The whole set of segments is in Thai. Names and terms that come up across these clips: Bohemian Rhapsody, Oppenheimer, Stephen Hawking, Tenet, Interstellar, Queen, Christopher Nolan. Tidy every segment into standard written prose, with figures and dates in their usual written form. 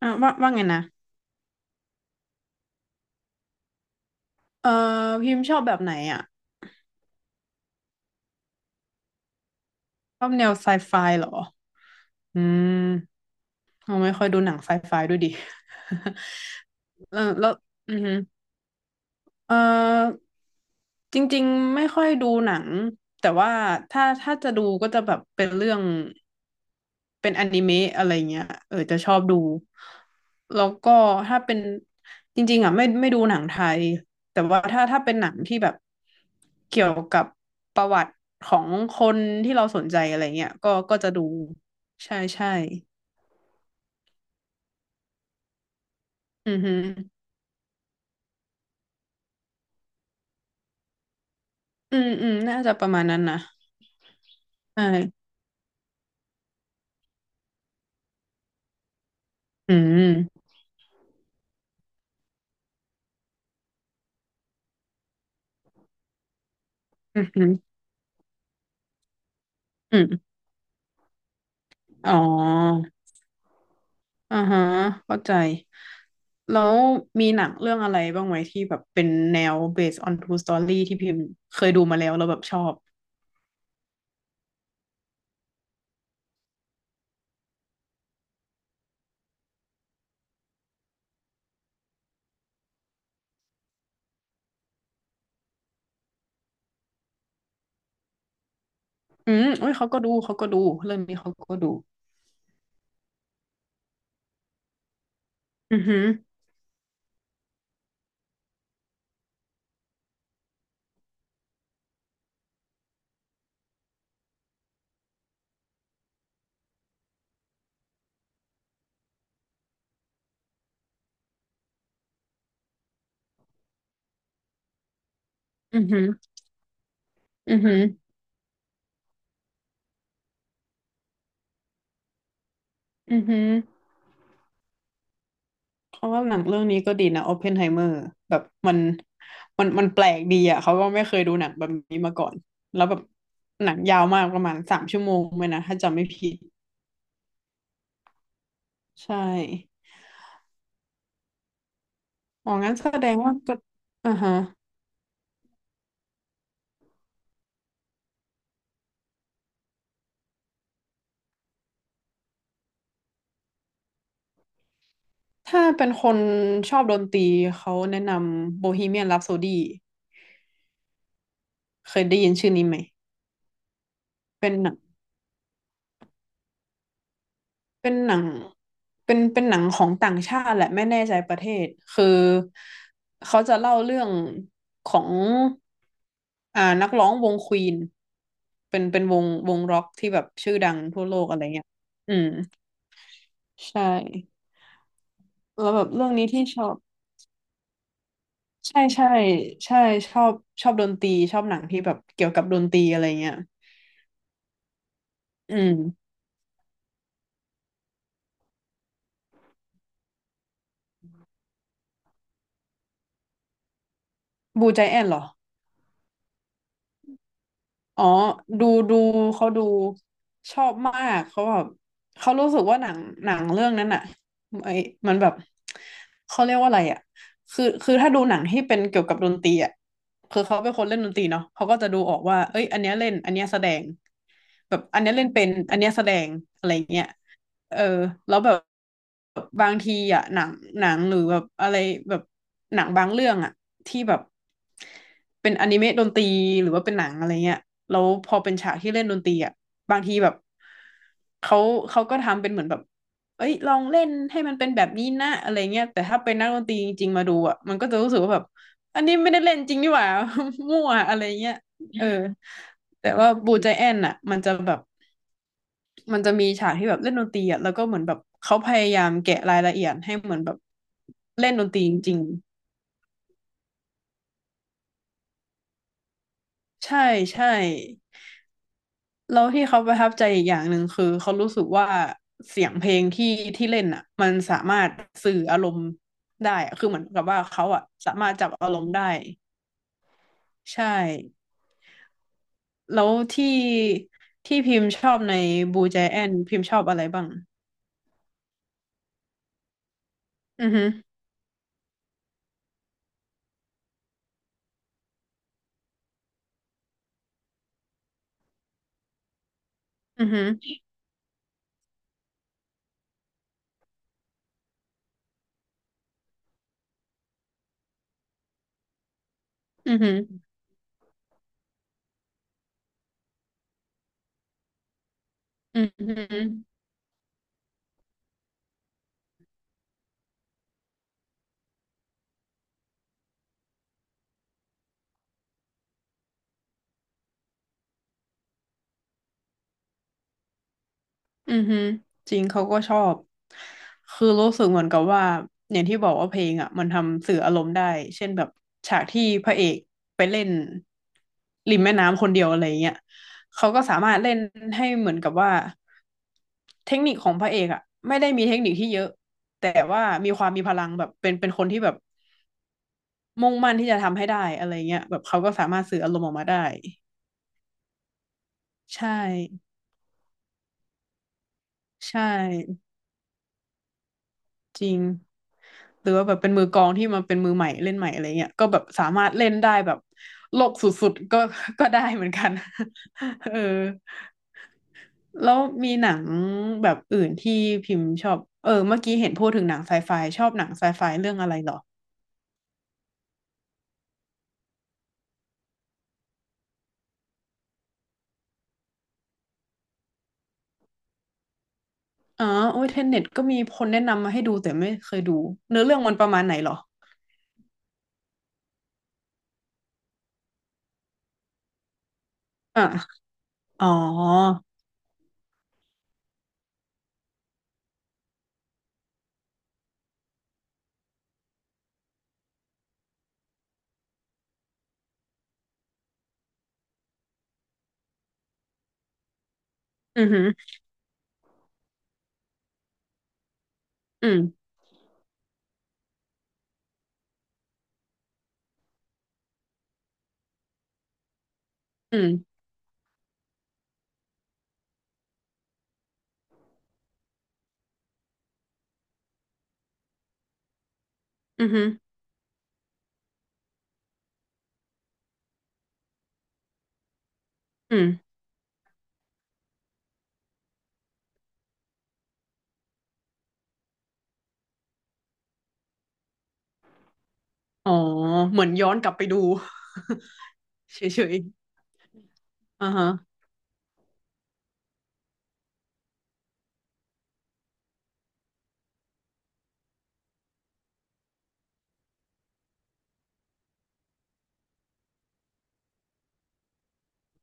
อ่ะว่าไงนะเออพิมพ์ชอบแบบไหนอ่ะชอบแนวไซไฟเหรอ อืมเราไม่ค่อยดูหนังไซไฟด้วยดิ แล้วอืม เออจริงๆไม่ค่อยดูหนังแต่ว่าถ้าจะดูก็จะแบบเป็นเรื่องเป็นอนิเมะอะไรเงี้ยเออจะชอบดูแล้วก็ถ้าเป็นจริงๆอ่ะไม่ดูหนังไทยแต่ว่าถ้าเป็นหนังที่แบบเกี่ยวกับประวัติของคนที่เราสนใจอะไรเงี้ยก็จะดูใช่ใช่อือฮึอืมอืมน่าจะประมาณนั้นนะใช่อืมอือฮึอืมอ๋อ อ่าฮะเข้าใจ แล้วมีหนังเรื่องอะไรบ้างไหมที่แบบเป็นแนว based on true story ที่พิมพ์เคยดูมาแล้วแบบชอบ อืมเอ้ยเขาก็ดู เขาก็ดู เรื่องนี้เขาก็ดู อือหืออือหืออือหืออือหือเพราะว่าหนังเรื่องนี้ก็ดีนะ Oppenheimer แบบมัน มันแปลกดีอ่ะเขาก็ไม่เคยดูหนังแบบนี้มาก่อน แล้วแบบหนังยาวมากประมาณสามชั่วโมงเลยนะถ้าจำไม่ผิด ใช่อ๋องั้นแสดงว่าก็อ่าฮะ ถ้าเป็นคนชอบดนตรีเขาแนะนำโบฮีเมียน h ัปโซดีเคยได้ยินชื่อนี้ไหมเป็นหนังเป็นหนังเป็นเป็นหนังของต่างชาติแหละไม่แน่ใจประเทศคือเขาจะเล่าเรื่องของอ่านักร้องวงควีนเป็นวงร็อกที่แบบชื่อดังทั่วโลกอะไรเงี้ยอืมใช่แล้วแบบเรื่องนี้ที่ชอบใช่ใช่ใช่ชอบชอบดนตรีชอบหนังที่แบบเกี่ยวกับดนตรีอะไรเงี้ยอืม บูใจแอนเหรอ อ๋อ ดูดูเขาดูชอบมาก เขาแบบเขารู้สึกว่าหนังเรื่องนั้นอะไอ้มันแบบเขาเรียกว่าอะไรอะคือถ้าดูหนังที่เป็นเกี่ยวกับดนตรีอะ คือเขาเป็นคนเล่นดนตรีเนาะเขาก็จะดูออกว่าเอ้ยอันเนี้ยเล่นอันเนี้ยแสดงแบบอันเนี้ยเล่นเป็นอันเนี้ยแสดงอะไรเงี้ยเออแล้วแบบบางทีอะหนังหรือแบบอะไรแบบหนังบางเรื่องอะที่แบบเป็นอนิเมะดนตรีหรือว่าเป็นหนังอะไรเงี้ยแล้วพอเป็นฉากที่เล่นดนตรีอะบางทีแบบเขาเขาก็ทำเป็นเหมือนแบบเอ้ยลองเล่นให้มันเป็นแบบนี้นะอะไรเงี้ยแต่ถ้าเป็นนักดนตรีจริงๆมาดูอ่ะมันก็จะรู้สึกว่าแบบ อันนี้ไม่ได้เล่นจริงนี่หว่า มั่วอะไรเงี้ยเออแต่ว่าบูใจแอนน่ะมันจะแบบมันจะมีฉากที่แบบเล่นดนตรีอ่ะแล้วก็เหมือนแบบเขาพยายามแกะรายละเอียดให้เหมือนแบบเล่นดนตรีจริงๆใช่ใช่แล้วที่เขาประทับใจอีกอย่างหนึ่งคือเขารู้สึกว่าเสียงเพลงที่เล่นอ่ะมันสามารถสื่ออารมณ์ได้อะคือเหมือนกับว่าเขาอ่ะสามารถจับอารมณ์ได้ใช่ แล้วที่พิมพ์ชอบในบูแจแอนพิมพ์ชอบอะไรบ้างอือฮึอือฮึอือฮึอือฮึอือฮึจริงเขาก็ชอบคือรู้สึกเหมือนกับว่าอย่างที่บอกว่าเพลงอ่ะมันทำสื่ออารมณ์ได้เช่นแบบฉากที่พระเอกไปเล่นริมแม่น้ำคนเดียวอะไรเงี้ยเขาก็สามารถเล่นให้เหมือนกับว่าเทคนิคของพระเอกอ่ะไม่ได้มีเทคนิคที่เยอะแต่ว่ามีความมีพลังแบบเป็นคนที่แบบ มุ่งมั่นที่จะทำให้ได้อะไรเงี้ยแบบเขาก็สามารถสื่ออารมณ์ออกมาได้ใช่ใช่จริงหรือว่าแบบเป็นมือกลองที่มันเป็นมือใหม่เล่นใหม่อะไรเงี้ยก็แบบสามารถเล่นได้แบบโลกสุดๆก็ ก็ได้เหมือนกัน เออแล้วมีหนังแบบอื่นที่พิมพ์ชอบเออเมื่อกี้เห็นพูดถึงหนังไซไฟชอบหนังไซไฟเรื่องอะไรเหรออ๋อโอ้ยเทนเน็ตก็มีคนแนะนำมาให้ดูแต่ไม่เคยดูเนื้อเรื่องมันประมาณไหนเหรออ่ะอ๋ออือหืออืมอืม อือฮึอืมอ๋อเหมือนย้อนกลับไปดู เฉยๆอ่าฮะ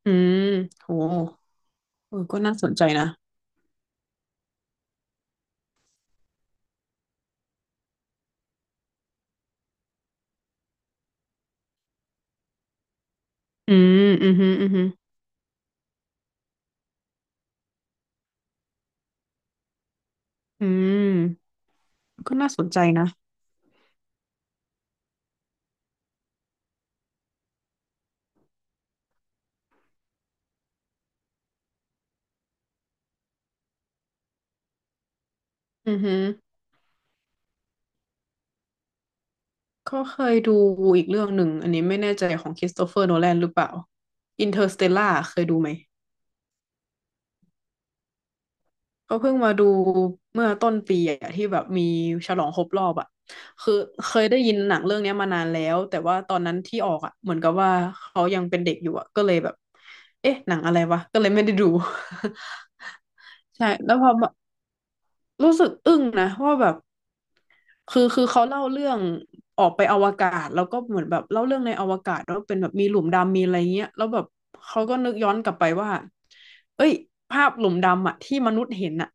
อืมโหเออก็น่าสนใจนะอืมอือฮึอือฮึอืมก็น่าสนใจนะอือฮึก็เคยดูอีกเรื่องหนึ่ง อันนี้ไม่แน่ใจของคริสโตเฟอร์โนแลนหรือเปล่า อินเตอร์สเตลล่าเคยดูไหม ก็เพิ่งมาดูเมื่อต้นปีอะที่แบบมีฉลองครบรอบอะคือเคยได้ยินหนังเรื่องเนี้ยมานานแล้วแต่ว่าตอนนั้นที่ออกอะเหมือนกับว่าเขายังเป็นเด็กอยู่อะก็เลยแบบเอ๊ะหนังอะไรวะก็เลยไม่ได้ดู ใช่แล้วพอมา รู้สึกอึ้งนะว่าแบบคือเขาเล่าเรื่องออกไปอวกาศแล้วก็เหมือนแบบเล่าเรื่องในอวกาศว่าเป็นแบบมีหลุมดำมีอะไรเงี้ยแล้วแบบเขาก็นึกย้อนกลับไปว่าเอ้ยภาพหลุมดำอะที่มนุษย์เห็นอะ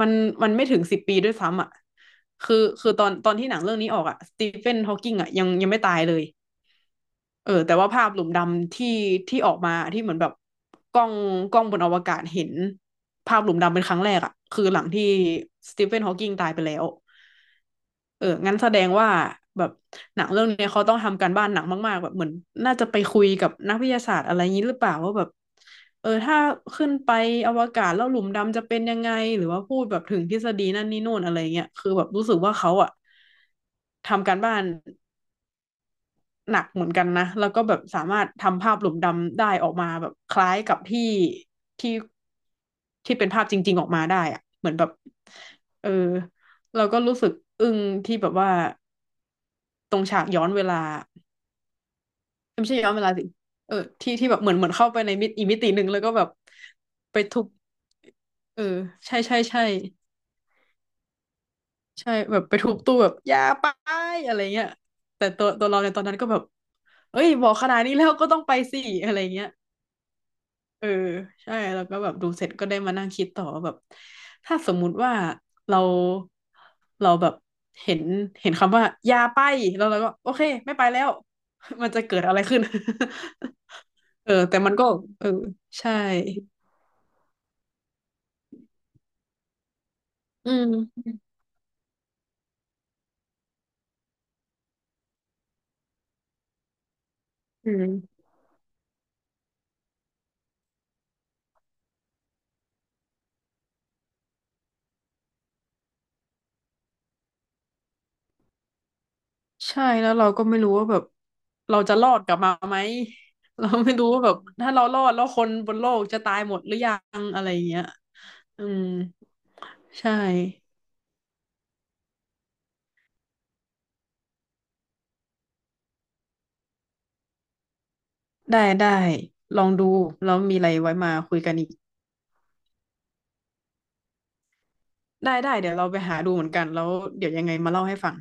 มันมันไม่ถึง10 ปีด้วยซ้ำอะคือตอนที่หนังเรื่องนี้ออกอะสตีเฟนฮอว์กิงอะยังไม่ตายเลย เออแต่ว่าภาพหลุมดำที่ที่ออกมาที่เหมือนแบบกล้องกล้องบนอวกาศเห็นภาพหลุมดำเป็นครั้งแรกอะคือหลังที่สตีเฟนฮอว์กิงตายไปแล้วเอองั้นแสดงว่าแบบหนังเรื่องเนี้ยเขาต้องทำการบ้านหนักมากๆแบบเหมือนน่าจะไปคุยกับนักวิทยาศาสตร์อะไรอย่างนี้หรือเปล่าว่าแบบเออถ้าขึ้นไปอวกาศแล้วหลุมดำจะเป็นยังไงหรือว่าพูดแบบถึงทฤษฎีนั่นนี่โน่นอะไรเงี้ยคือแบบรู้สึกว่าเขาอะทำการบ้าน หนักเหมือนกันนะแล้วก็แบบสามารถทำภาพหลุมดำได้ออกมาแบบคล้ายกับที่ที่เป็นภาพจริงๆออกมาได้อะเหมือนแบบเออเราก็รู้สึกอึ้งที่แบบว่าตรงฉากย้อนเวลาไม่ใช่ย้อนเวลาสิเออที่แบบเหมือนเข้าไปในมิติอีกมิติหนึ่งแล้วก็แบบไปทุบเออใช่ใช่ใช่ใช่แบบไปทุบตู้แบบอย่าไปอะไรเงี้ยแต่ตัวเราในตอนนั้นก็แบบเอ้ยบอกขนาดนี้แล้วก็ต้องไปสิอะไรเงี้ย เออใช่แล้วก็แบบดูเสร็จก็ได้มานั่งคิดต่อว่าแบบถ้าสมมุติว่าเราเราแบบเห็นเห็นคำว่ายาไปแล้วเราก็โอเคไม่ไปแล้ว มันจะเกิดอะไรขึ้น เออแต่มันก็เออใช่อืมอืมใช่แล้วเราก็ไม่รู้ว่าแบบเราจะรอดกลับมาไหม เราไม่รู้ว่าแบบถ้าเรารอดแล้วคนบนโลกจะตายหมดหรือยังอะไรอย่างเงี้ยอืมใช่ ได้ได้ลองดูแล้วมีอะไรไว้มาคุยกันอีกได้ได้เดี๋ยวเราไปหาดูเหมือนกันแล้วเดี๋ยวยังไงมาเล่าให้ฟัง